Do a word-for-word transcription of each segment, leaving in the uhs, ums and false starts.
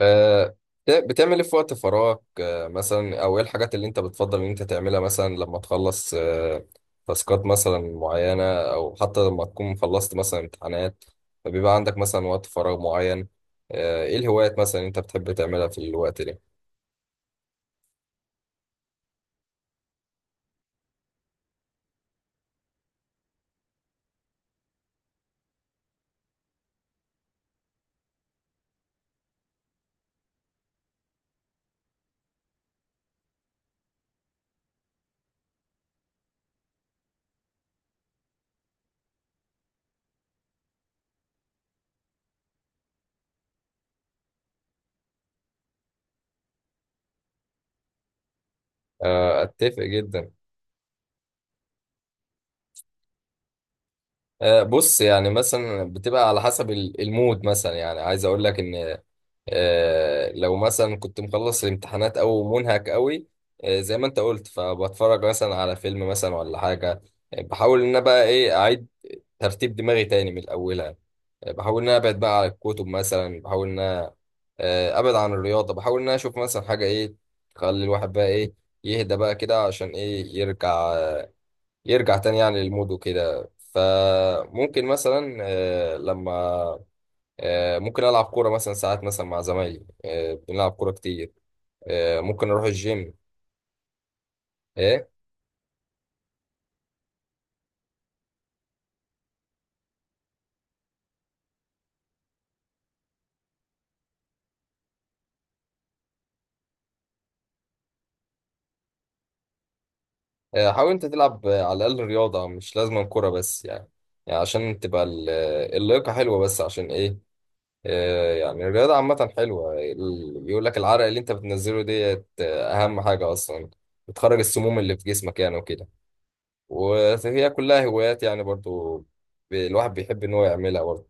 آه، بت- بتعمل ايه في وقت فراغك، آه، مثلا او ايه الحاجات اللي انت بتفضل ان انت تعملها مثلا لما تخلص، آه، تاسكات مثلا معينة، او حتى لما تكون خلصت مثلا امتحانات فبيبقى عندك مثلا وقت فراغ معين. آه، ايه الهوايات مثلا انت بتحب تعملها في الوقت ده؟ آه، اتفق جدا. آه، بص، يعني مثلا بتبقى على حسب ال- المود، مثلا يعني عايز اقول لك ان، آه، لو مثلا كنت مخلص الامتحانات او منهك قوي، آه، زي ما انت قلت فبتفرج مثلا على فيلم مثلا ولا حاجه. آه، بحاول ان انا بقى ايه اعيد ترتيب دماغي تاني من الاولها. آه، بحاول ان انا ابعد بقى على الكتب مثلا، بحاول ان انا، آه، ابعد عن الرياضه، بحاول ان انا اشوف مثلا حاجه ايه تخلي الواحد بقى ايه يهدى بقى كده عشان ايه يرجع يرجع تاني يعني للمود وكده، فممكن مثلا، آه، لما آه، ممكن ألعب كورة مثلا ساعات مثلا مع زمايلي. آه، بنلعب كورة كتير. آه، ممكن أروح الجيم. إيه. آه، حاول أنت تلعب، آه، على الأقل رياضة، مش لازم كورة بس، يعني يعني عشان تبقى ال- آه، اللياقة حلوة، بس عشان إيه؟ آه، يعني الرياضة عامة حلوة، ال- يقول لك العرق اللي أنت بتنزله ديت، آه، أهم حاجة أصلا بتخرج السموم اللي في جسمك يعني وكده. وهي كلها هوايات يعني برضو. ب- الواحد بيحب إن هو يعملها برضو.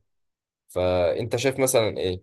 فأنت شايف مثلا إيه؟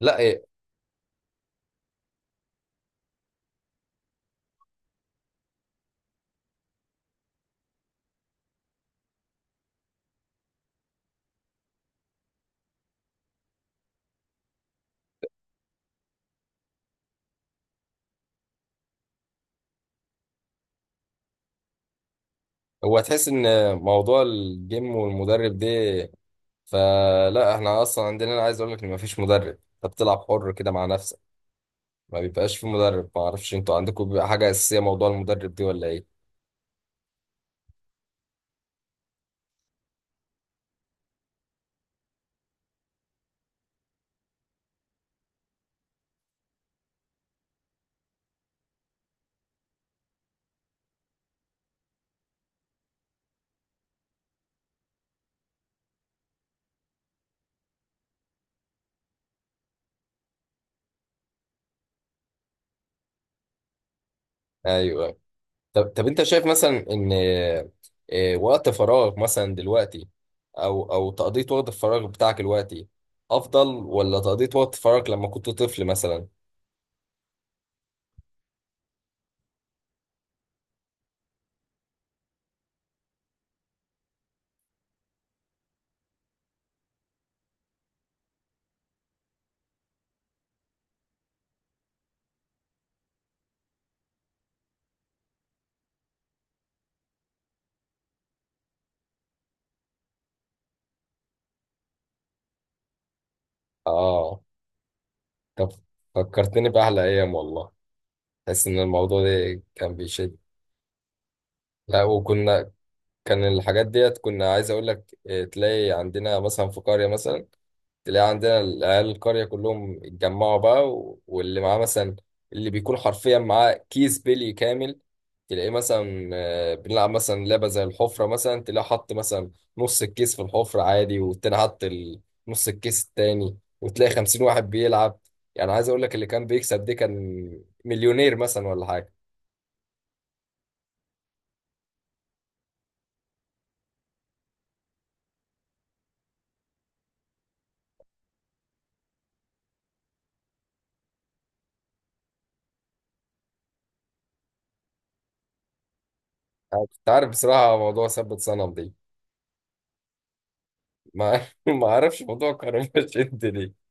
لا، إيه، هو تحس ان موضوع الجيم والمدرب ده، فلا احنا اصلا عندنا، انا عايز اقول لك ان مفيش مدرب، انت بتلعب حر كده مع نفسك، ما بيبقاش في مدرب. ما اعرفش انتوا عندكم بيبقى حاجه اساسيه موضوع المدرب دي ولا ايه؟ ايوه. طب طب انت شايف مثلا ان، آه، وقت فراغ مثلا دلوقتي، او او تقضيه وقت الفراغ بتاعك دلوقتي افضل، ولا تقضيه وقت فراغك لما كنت طفل مثلا؟ اه. طب، فكرتني باحلى ايام والله. تحس ان الموضوع ده كان بيشد؟ لا، وكنا كان الحاجات ديت كنا، عايز اقول لك إيه، تلاقي عندنا مثلا في قرية مثلا، تلاقي عندنا العيال القرية كلهم اتجمعوا بقى و- واللي معاه مثلا، اللي بيكون حرفيا معاه كيس بيلي كامل. تلاقيه مثلا، آه، بنلعب مثلا لعبة زي الحفرة مثلا، تلاقيه حط مثلا نص الكيس في الحفرة عادي، والتاني حط ال- نص الكيس التاني، وتلاقي خمسين واحد بيلعب. يعني عايز اقول لك اللي كان بيكسب دي كان مليونير مثلا ولا حاجة. أنا كنت عارف بصراحة موضوع ثبت صنم ده. ما ما اعرفش موضوع كهرباء شد ليه.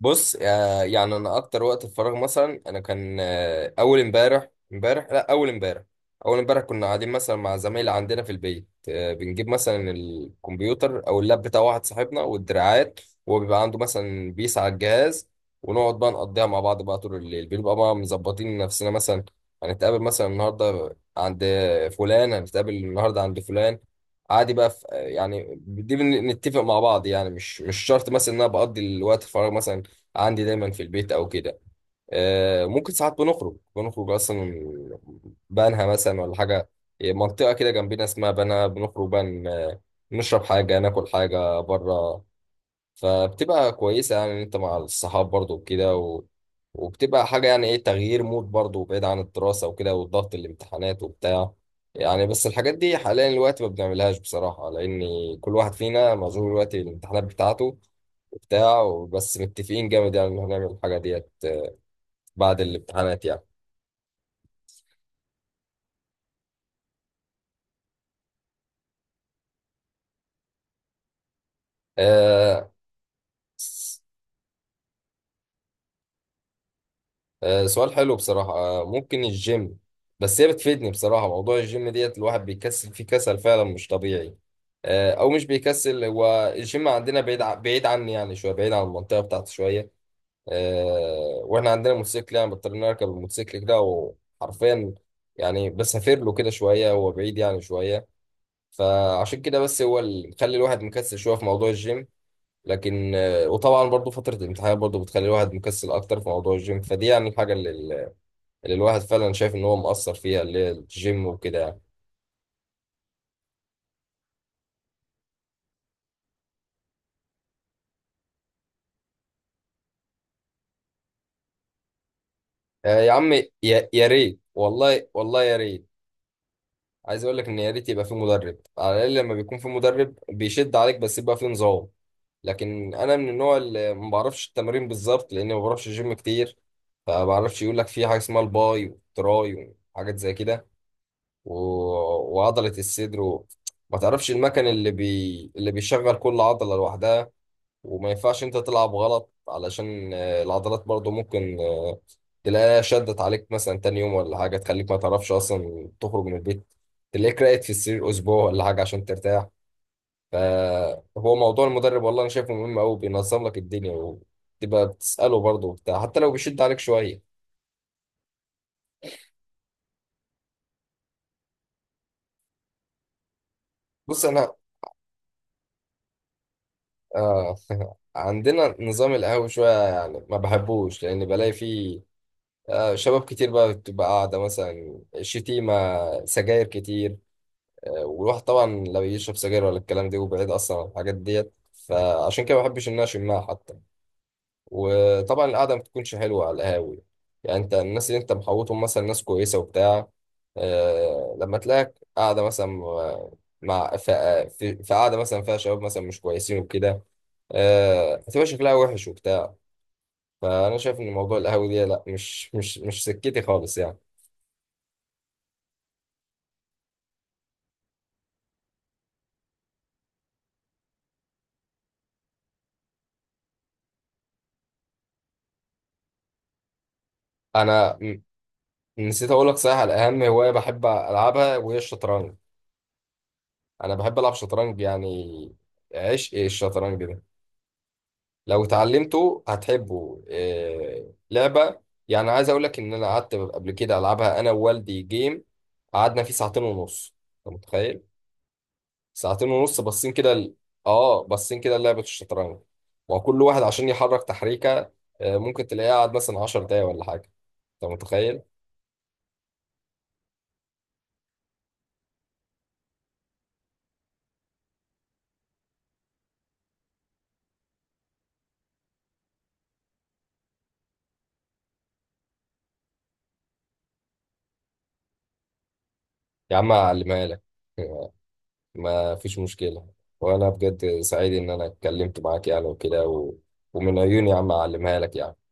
بص، آه، يعني انا اكتر وقت الفراغ مثلا انا كان، آه، اول امبارح امبارح لا اول امبارح اول امبارح كنا قاعدين مثلا مع زمايل عندنا في البيت، آه، بنجيب مثلا الكمبيوتر او اللاب بتاع واحد صاحبنا والدراعات، وهو بيبقى عنده مثلا بيس على الجهاز، ونقعد بقى نقضيها مع بعض بقى طول الليل، بنبقى بقى مظبطين نفسنا مثلا هنتقابل مثلا النهارده عند فلان، هنتقابل النهارده عند فلان. عادي بقى في يعني دي بن- نتفق مع بعض، يعني مش مش شرط مثلا ان انا بقضي الوقت الفراغ مثلا عندي دايما في البيت او كده. آه، ممكن ساعات بنخرج بنخرج اصلا بنها مثلا ولا حاجه، منطقه كده جنبنا اسمها بنها، بنخرج بقى ن- نشرب حاجه ناكل حاجه بره. فبتبقى كويسة يعني إن أنت مع الصحاب برضو وكده. و... وبتبقى حاجة يعني إيه، تغيير مود برضو بعيد عن الدراسة وكده والضغط الامتحانات وبتاع. يعني بس الحاجات دي حاليا الوقت ما بنعملهاش بصراحة، لأن كل واحد فينا مشغول دلوقتي الامتحانات بتاعته وبتاع. بس متفقين جامد يعني إن إحنا هنعمل الحاجة ديت بعد الامتحانات يعني. آه آه، سؤال حلو بصراحة. آه، ممكن الجيم. بس هي بتفيدني بصراحة، موضوع الجيم ديت الواحد بيكسل فيه كسل فعلا مش طبيعي. آه، أو مش بيكسل، هو الجيم عندنا بعيد ع- بعيد عني يعني شوية، بعيد عن المنطقة بتاعتي شوية. آه، وإحنا عندنا موتوسيكل يعني، بضطر نركب الموتوسيكل كده وحرفيا يعني بسافر له كده شوية، هو بعيد يعني شوية، فعشان كده بس هو اللي مخلي الواحد مكسل شوية في موضوع الجيم. لكن، آه، وطبعا برضو فترة الامتحانات برضو بتخلي الواحد مكسل أكتر في موضوع الجيم، فدي يعني الحاجة اللي اللي الواحد فعلا شايف ان هو مقصر فيها، اللي هي الجيم وكده يعني. آه يا عم، يا يا ريت والله، والله يا ريت. عايز اقول لك ان يا ريت يبقى في مدرب، على الاقل لما بيكون في مدرب بيشد عليك بس يبقى في نظام. لكن انا من النوع اللي ما بعرفش التمارين بالظبط، لاني ما بعرفش جيم كتير، فما بعرفش. يقول لك في حاجه اسمها الباي والتراي وحاجات زي كده، و... وعضله الصدر، و... ما تعرفش المكان اللي بي... اللي بيشغل كل عضله لوحدها. وما ينفعش انت تلعب غلط علشان، آه، العضلات برضو ممكن، آه، تلاقيها شدت عليك مثلا تاني يوم ولا حاجة، تخليك ما تعرفش أصلا تخرج من البيت، تلاقيك راقد في السرير أسبوع ولا حاجة عشان ترتاح. فهو موضوع المدرب والله أنا شايفه مهم أوي، بينظم لك الدنيا وتبقى بتسأله برضو وبتاع حتى لو بيشد عليك شوية. بص أنا آه عندنا نظام القهوة شوية يعني ما بحبوش، لأن بلاقي فيه، آه، شباب كتير بقى بتبقى قاعدة مثلا، شتيمة، سجاير كتير. آه، والواحد طبعا لا بيشرب سجاير ولا الكلام ده، وبعيد اصلا عن الحاجات ديت، فعشان كده ما بحبش ان انا اشمها حتى. وطبعا القعده ما بتكونش حلوه على القهاوي. يعني انت الناس اللي انت محوطهم مثلا ناس كويسه وبتاع، آه لما تلاقيك قاعده مثلا مع ف- في في قعده مثلا فيها شباب مثلا مش كويسين وكده، آه هتبقى شكلها وحش وبتاع. فانا شايف ان موضوع القهاوي دي لا مش مش مش سكتي خالص يعني. انا م- نسيت اقول لك صحيح على اهم هوايه بحب العبها وهي الشطرنج. انا بحب العب شطرنج يعني. عشق الشطرنج ده، لو اتعلمته هتحبه. إيه لعبة! يعني عايز اقول لك ان انا قعدت قبل كده العبها انا ووالدي جيم، قعدنا فيه ساعتين ونص. انت متخيل؟ ساعتين ونص باصين كده ال- اه باصين كده لعبة الشطرنج، وكل واحد عشان يحرك تحريكة، آه، ممكن تلاقيه قعد مثلا عشر دقايق ولا حاجة. انت متخيل؟ يا عم اعلمها لك. ما فيش مشكلة. وأنا بجد سعيد إن أنا اتكلمت معاك يعني وكده، و... ومن عيوني يا عم أعلمها لك يعني.